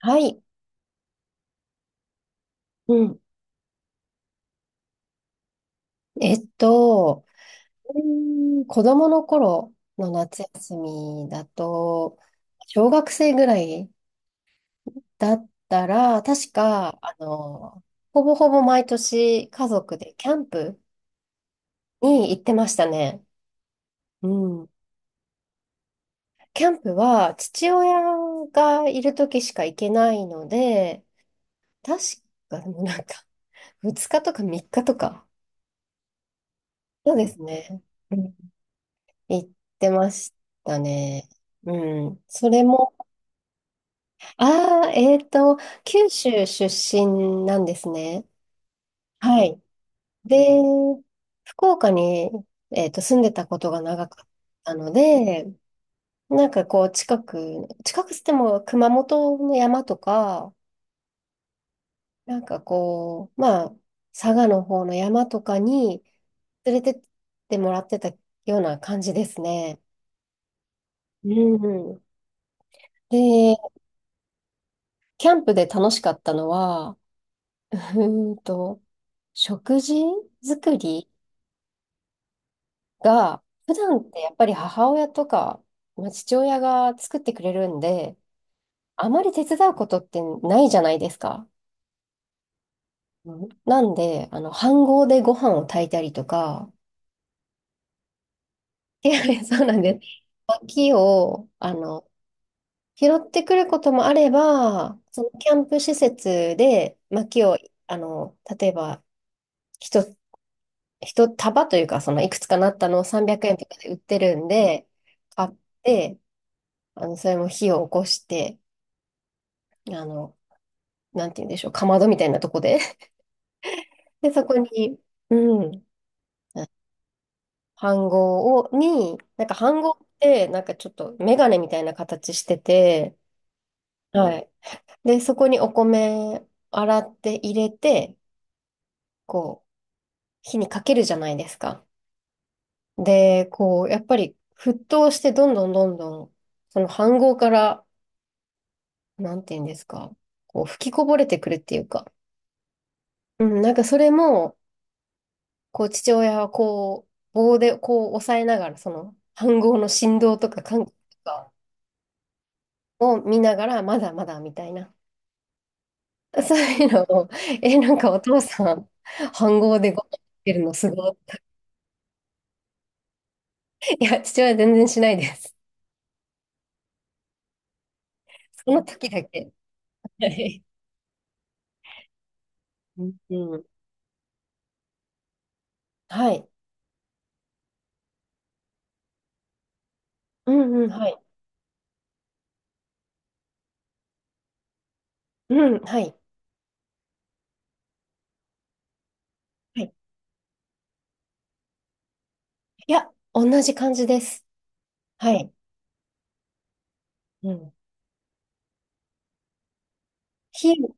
はい。うん。えっと、子供の頃の夏休みだと、小学生ぐらいだったら、確か、ほぼほぼ毎年家族でキャンプに行ってましたね。うん。キャンプは父親がいる時しか行けないので、確か、でもなんか、2日とか3日とか。そうですね。行ってましたね。うん。それも、ああ、九州出身なんですね。はい。で、福岡に、住んでたことが長かったので、なんかこう、近くつっても熊本の山とか、なんかこう、まあ、佐賀の方の山とかに連れてってもらってたような感じですね。うん。で、キャンプで楽しかったのは、うーんと、食事作りが、普段ってやっぱり母親とか、まあ、父親が作ってくれるんで、あまり手伝うことってないじゃないですか。うんなんで、飯盒でご飯を炊いたりとか、で そうなんです。薪を、拾ってくることもあれば、そのキャンプ施設で薪を、例えば、一つ一束というか、そのいくつかなったのを300円とかで売ってるんで、買って、それも火を起こして、あの、なんて言うんでしょう、かまどみたいなとこで。で、そこに、うん、飯盒を、に、なんか飯盒って、なんかちょっとメガネみたいな形してて、はい。で、そこにお米洗って入れて、こう、火にかけるじゃないですか。で、こう、やっぱり沸騰してどんどんどんどん、その飯盒から、なんて言うんですか、こう吹きこぼれてくるっていうか、うん、なんかそれも、こう父親はこう棒でこう押さえながら、その飯盒の振動とか感覚とかを見ながら、まだまだみたいな。そういうのを、え、なんかお父さん、飯盒でご飯食べるのすごい。いや、父親全然しないです。その時だけ。はい。うんうん。はい。うんうん、はい。うん、はい。はい。いや、同じ感じです。はい。うん。火、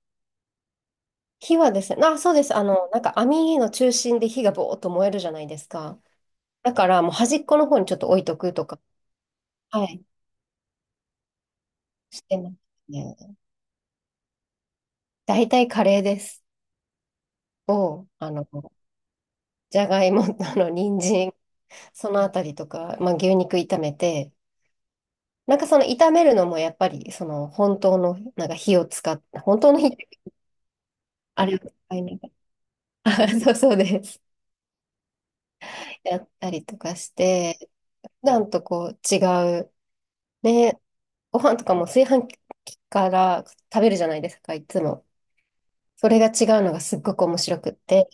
火はですね、あ、そうです。なんか網の中心で火がぼーっと燃えるじゃないですか。だからもう端っこの方にちょっと置いとくとか、はい、してますね。大体カレーです。を、じゃがいも、人参、そのあたりとか、まあ、牛肉炒めて、なんかその炒めるのもやっぱり、その本当の、なんか火を使って、本当の火って、あれを使いながら、あそうそうです。やったりとかして、普段とこう違う、ね、ご飯とかも炊飯器から食べるじゃないですか、いつも。それが違うのがすっごく面白くって。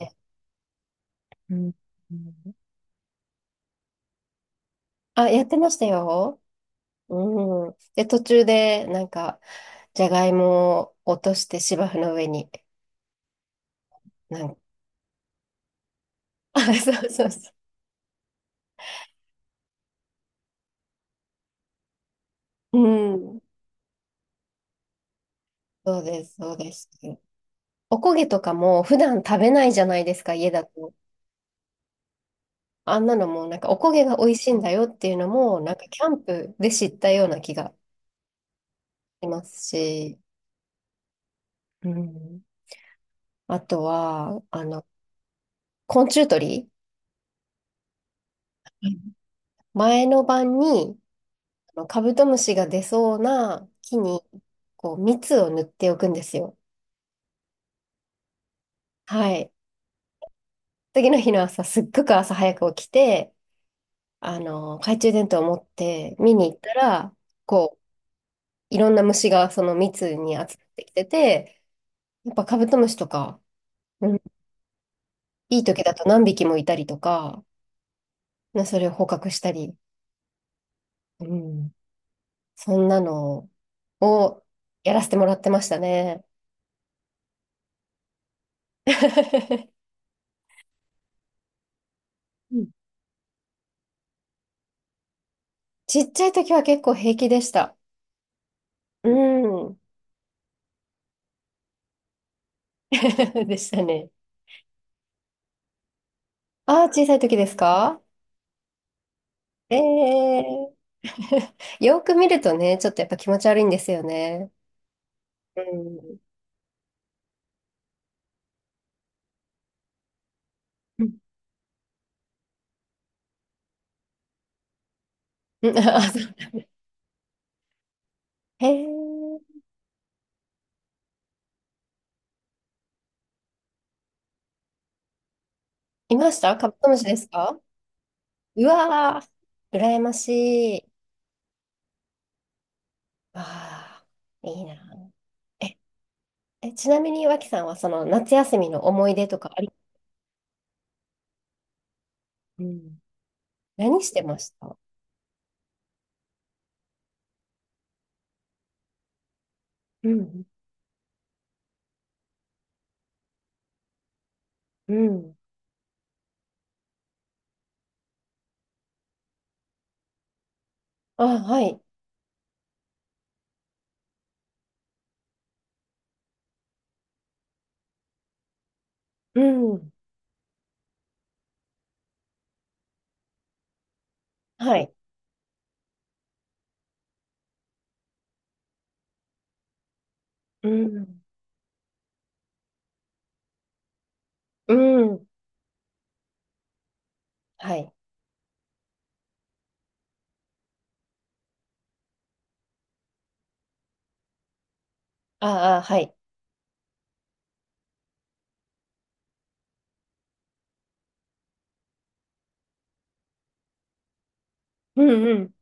うん。うんあ、やってましたよ。うん。で、途中で、なんか、じゃがいもを落として芝生の上に、なんか、あ、そうそうそう。うん。そうです、そうです。おこげとかも普段食べないじゃないですか、家だと。あんなのも、なんか、おこげが美味しいんだよっていうのも、なんか、キャンプで知ったような気がしますし。うん。あとは、昆虫取り。前の晩にあのカブトムシが出そうな木にこう蜜を塗っておくんですよ。はい。次の日の朝、すっごく朝早く起きて、懐中電灯を持って見に行ったら、こう、いろんな虫がその蜜に集まってきてて、やっぱカブトムシとか、うん、いい時だと何匹もいたりとか、ねそれを捕獲したり、うんそんなのをやらせてもらってましたね。うん。ちっちゃい時は結構平気でした。うん。でしたね。ああ、小さい時ですか？ええー よく見るとね、ちょっとやっぱ気持ち悪いんですよね。うん。うん。うんあそうへえ、いましたカブトムシですか？うわー、羨ましい。ああ、いいな。え、え、ちなみに脇さんはその夏休みの思い出とかあ？うん。何してました？うん。うん。あ、はい。うん。はい。うん。うん。はい。ああ、はい。うん。うん。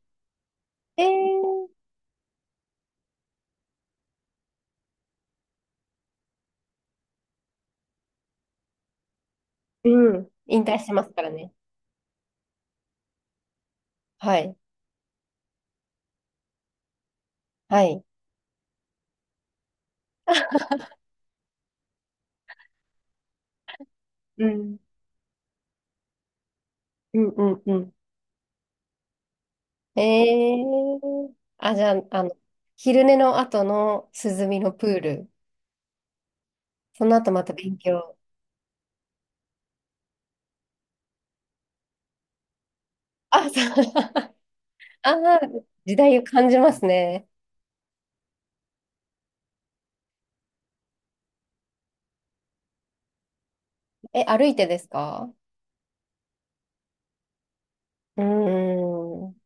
えー、うん。引退してますからね。はい。はい。うん。うんうんうん。えー、あ、じゃあ、昼寝の後の涼みのプール。その後また勉強。あ、そう。あー、時代を感じますね。え、歩いてですか？うーん。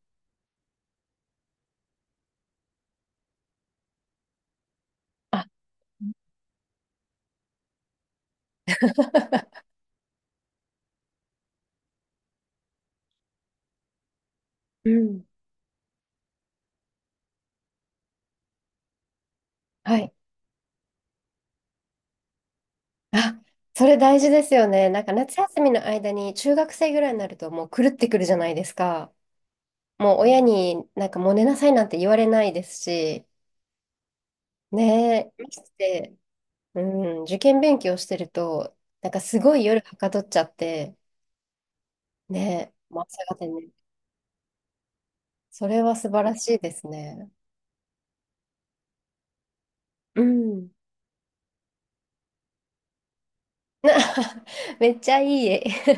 あうん。はい。あ、それ大事ですよね。なんか夏休みの間に中学生ぐらいになるともう狂ってくるじゃないですか。もう親になんかもう寝なさいなんて言われないですし、ねえ、まして、うん、受験勉強してると、なんかすごい夜はかどっちゃって、ねえ、もう朝方に。それは素晴らしいですね。うん。な めっちゃいい絵。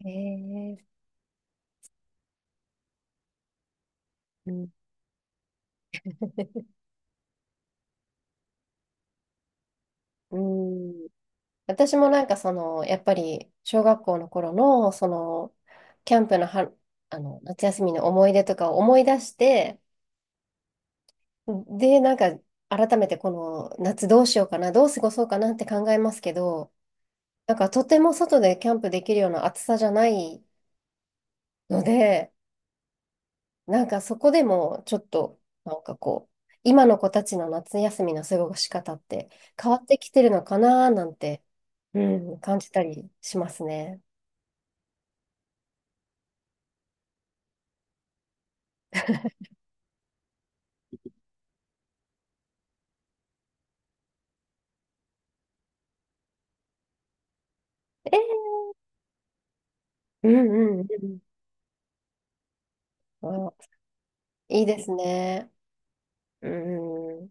えーうん。うん私もなんかその、やっぱり小学校の頃の、その、キャンプのは、夏休みの思い出とかを思い出して、で、なんか改めてこの夏どうしようかな、どう過ごそうかなって考えますけど、なんかとても外でキャンプできるような暑さじゃないので、なんかそこでもちょっと、なんかこう、今の子たちの夏休みの過ごし方って変わってきてるのかななんて、うん、感じたりしますね。えうんうんうん。あいいですね。うん。